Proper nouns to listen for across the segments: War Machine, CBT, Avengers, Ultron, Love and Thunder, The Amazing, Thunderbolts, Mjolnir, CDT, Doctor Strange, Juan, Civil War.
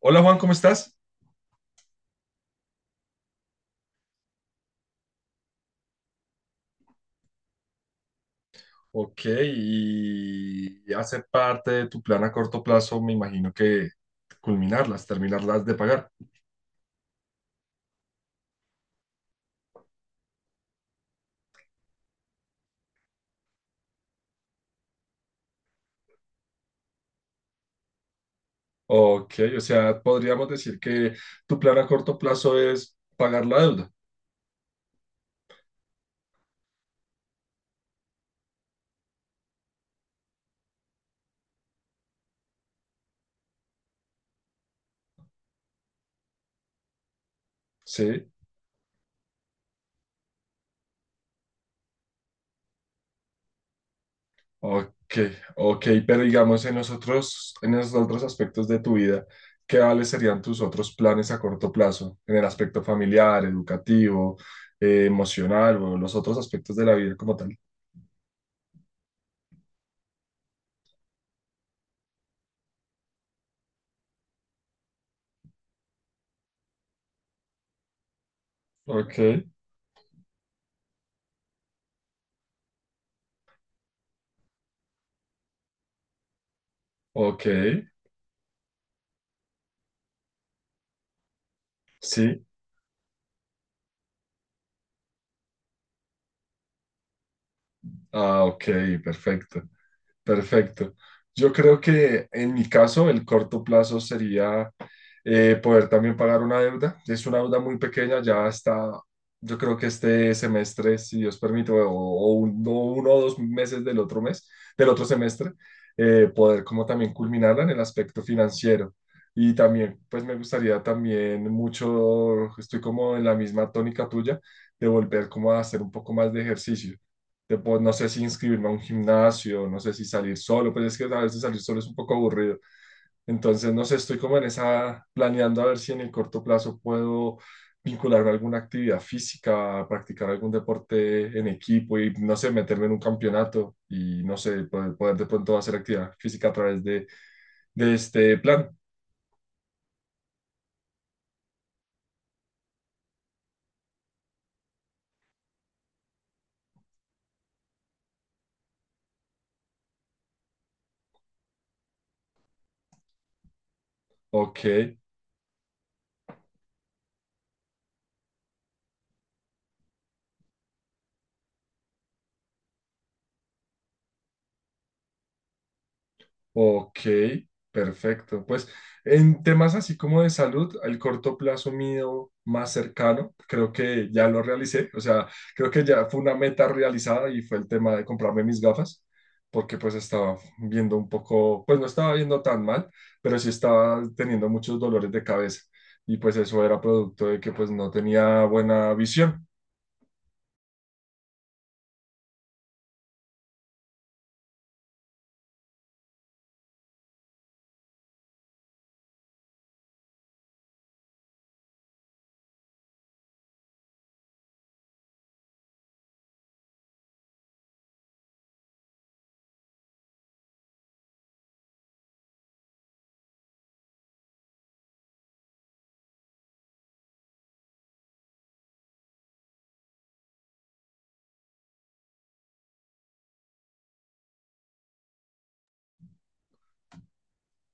Hola Juan, ¿cómo estás? Ok, y hace parte de tu plan a corto plazo, me imagino que culminarlas, terminarlas de pagar. Ok, o sea, podríamos decir que tu plan a corto plazo es pagar la deuda, ¿sí? Ok, ok, pero digamos en los otros aspectos de tu vida, ¿qué vales serían tus otros planes a corto plazo? En el aspecto familiar, educativo, emocional o los otros aspectos de la vida como tal. Ok. Ok, sí. Ah, ok, perfecto, perfecto. Yo creo que en mi caso el corto plazo sería poder también pagar una deuda. Es una deuda muy pequeña, ya está, yo creo que este semestre, si Dios permite, o uno o dos meses del otro mes, del otro semestre, poder como también culminarla en el aspecto financiero. Y también, pues me gustaría también mucho, estoy como en la misma tónica tuya, de volver como a hacer un poco más de ejercicio de, pues, no sé si inscribirme a un gimnasio, no sé si salir solo, pues es que a veces salir solo es un poco aburrido. Entonces, no sé, estoy como en esa, planeando a ver si en el corto plazo puedo vincularme a alguna actividad física, practicar algún deporte en equipo y, no sé, meterme en un campeonato y, no sé, poder, poder de pronto hacer actividad física a través de este plan. Ok. Ok, perfecto. Pues en temas así como de salud, el corto plazo mío más cercano, creo que ya lo realicé, o sea, creo que ya fue una meta realizada y fue el tema de comprarme mis gafas, porque pues estaba viendo un poco, pues no estaba viendo tan mal, pero sí estaba teniendo muchos dolores de cabeza y pues eso era producto de que pues no tenía buena visión.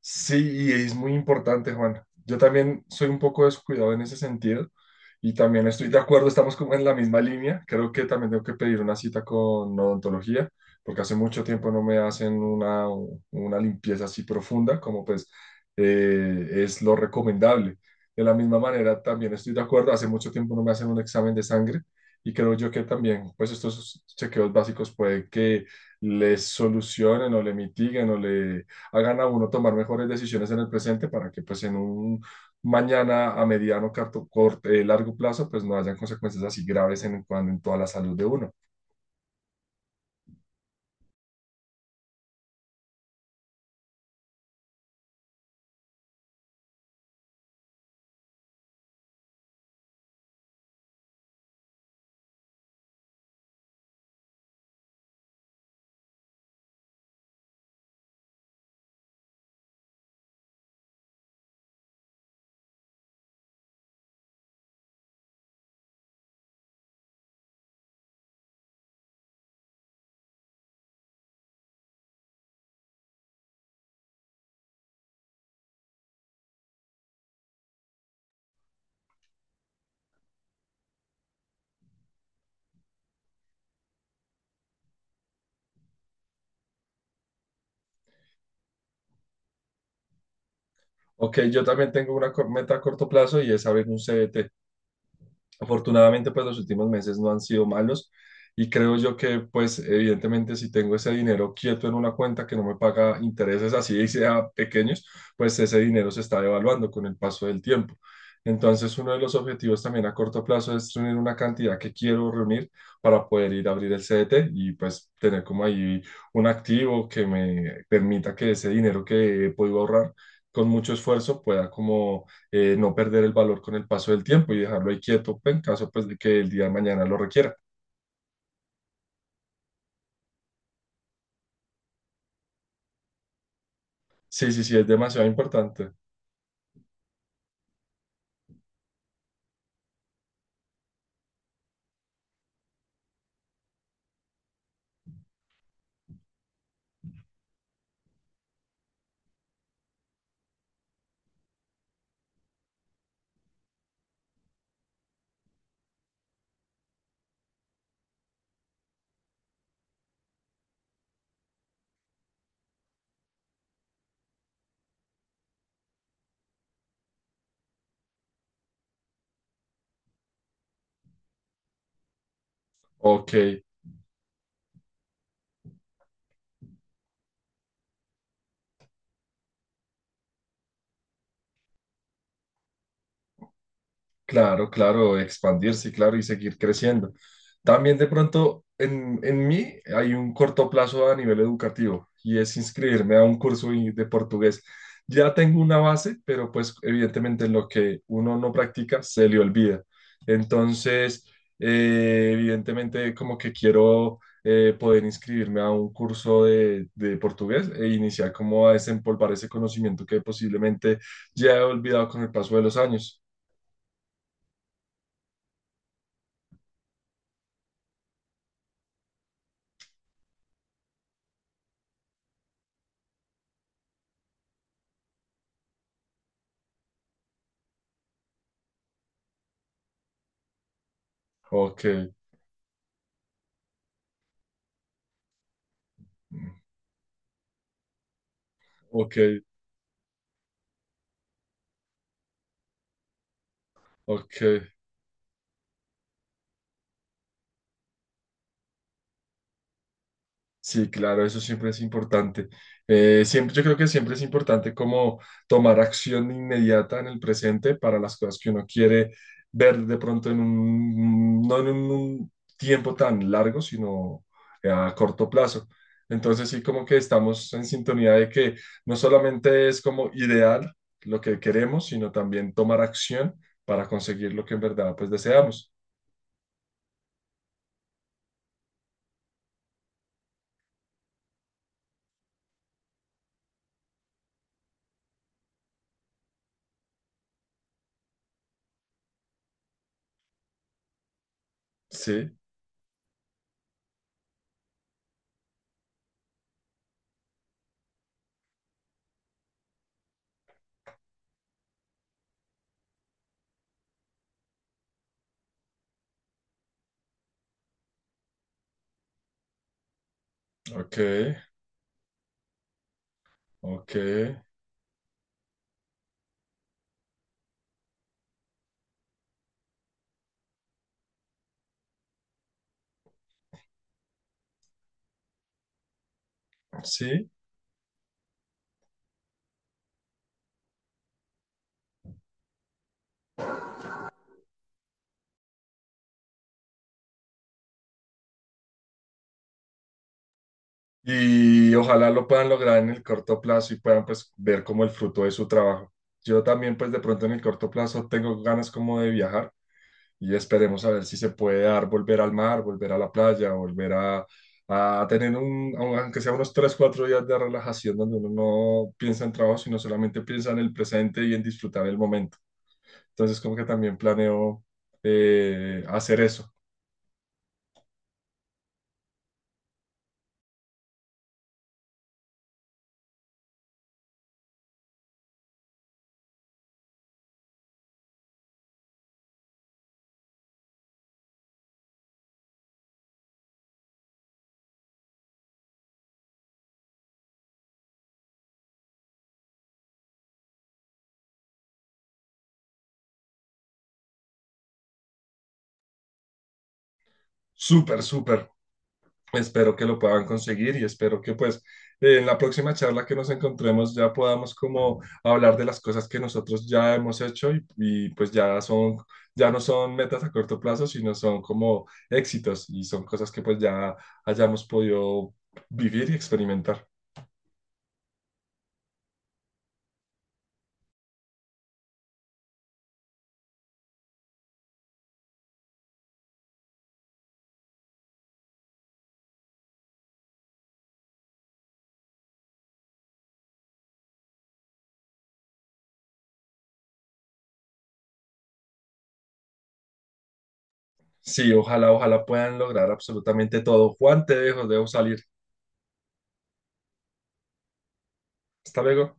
Sí, y es muy importante, Juan. Yo también soy un poco descuidado en ese sentido y también estoy de acuerdo, estamos como en la misma línea. Creo que también tengo que pedir una cita con odontología porque hace mucho tiempo no me hacen una limpieza así profunda como pues es lo recomendable. De la misma manera, también estoy de acuerdo, hace mucho tiempo no me hacen un examen de sangre y creo yo que también pues estos chequeos básicos puede que les solucionen o le mitiguen o le hagan a uno tomar mejores decisiones en el presente para que pues en un mañana a mediano, corto, corto, largo plazo, pues no hayan consecuencias así graves en, cuan- en toda la salud de uno. Ok, yo también tengo una cor- meta a corto plazo y es abrir un CBT. Afortunadamente, pues los últimos meses no han sido malos y creo yo que, pues evidentemente, si tengo ese dinero quieto en una cuenta que no me paga intereses así y sea pequeños, pues ese dinero se está devaluando con el paso del tiempo. Entonces, uno de los objetivos también a corto plazo es reunir una cantidad que quiero reunir para poder ir a abrir el CDT y pues tener como ahí un activo que me permita que ese dinero que he podido ahorrar con mucho esfuerzo pueda como no perder el valor con el paso del tiempo y dejarlo ahí quieto en caso pues, de que el día de mañana lo requiera. Sí, sí, sí, es demasiado importante. Ok. Claro, claro, expandirse, claro, y seguir creciendo. También de pronto en mí hay un corto plazo a nivel educativo y es inscribirme a un curso y- de portugués. Ya tengo una base, pero pues evidentemente lo que uno no practica se le olvida. Entonces, evidentemente como que quiero poder inscribirme a un curso de portugués e iniciar como a desempolvar ese conocimiento que posiblemente ya he olvidado con el paso de los años. Ok. Ok, ok. Sí, claro, eso siempre es importante. Siempre, yo creo que siempre es importante como tomar acción inmediata en el presente para las cosas que uno quiere ver de pronto en un, no en un tiempo tan largo, sino a corto plazo. Entonces sí, como que estamos en sintonía de que no solamente es como ideal lo que queremos, sino también tomar acción para conseguir lo que en verdad pues deseamos. Sí, ok, ok. Sí, y ojalá lo puedan lograr en el corto plazo y puedan pues ver como el fruto de su trabajo. Yo también pues de pronto en el corto plazo tengo ganas como de viajar y esperemos a ver si se puede dar volver al mar, volver a la playa, volver a tener un, aunque sea unos 3 o 4 días de relajación donde uno no piensa en trabajo, sino solamente piensa en el presente y en disfrutar el momento. Entonces como que también planeo hacer eso. Súper, súper. Espero que lo puedan conseguir y espero que pues en la próxima charla que nos encontremos ya podamos como hablar de las cosas que nosotros ya hemos hecho y, pues ya son, ya no son metas a corto plazo, sino son como éxitos y son cosas que pues ya hayamos podido vivir y experimentar. Sí, ojalá, ojalá puedan lograr absolutamente todo. Juan, te dejo, dejo salir. Hasta luego.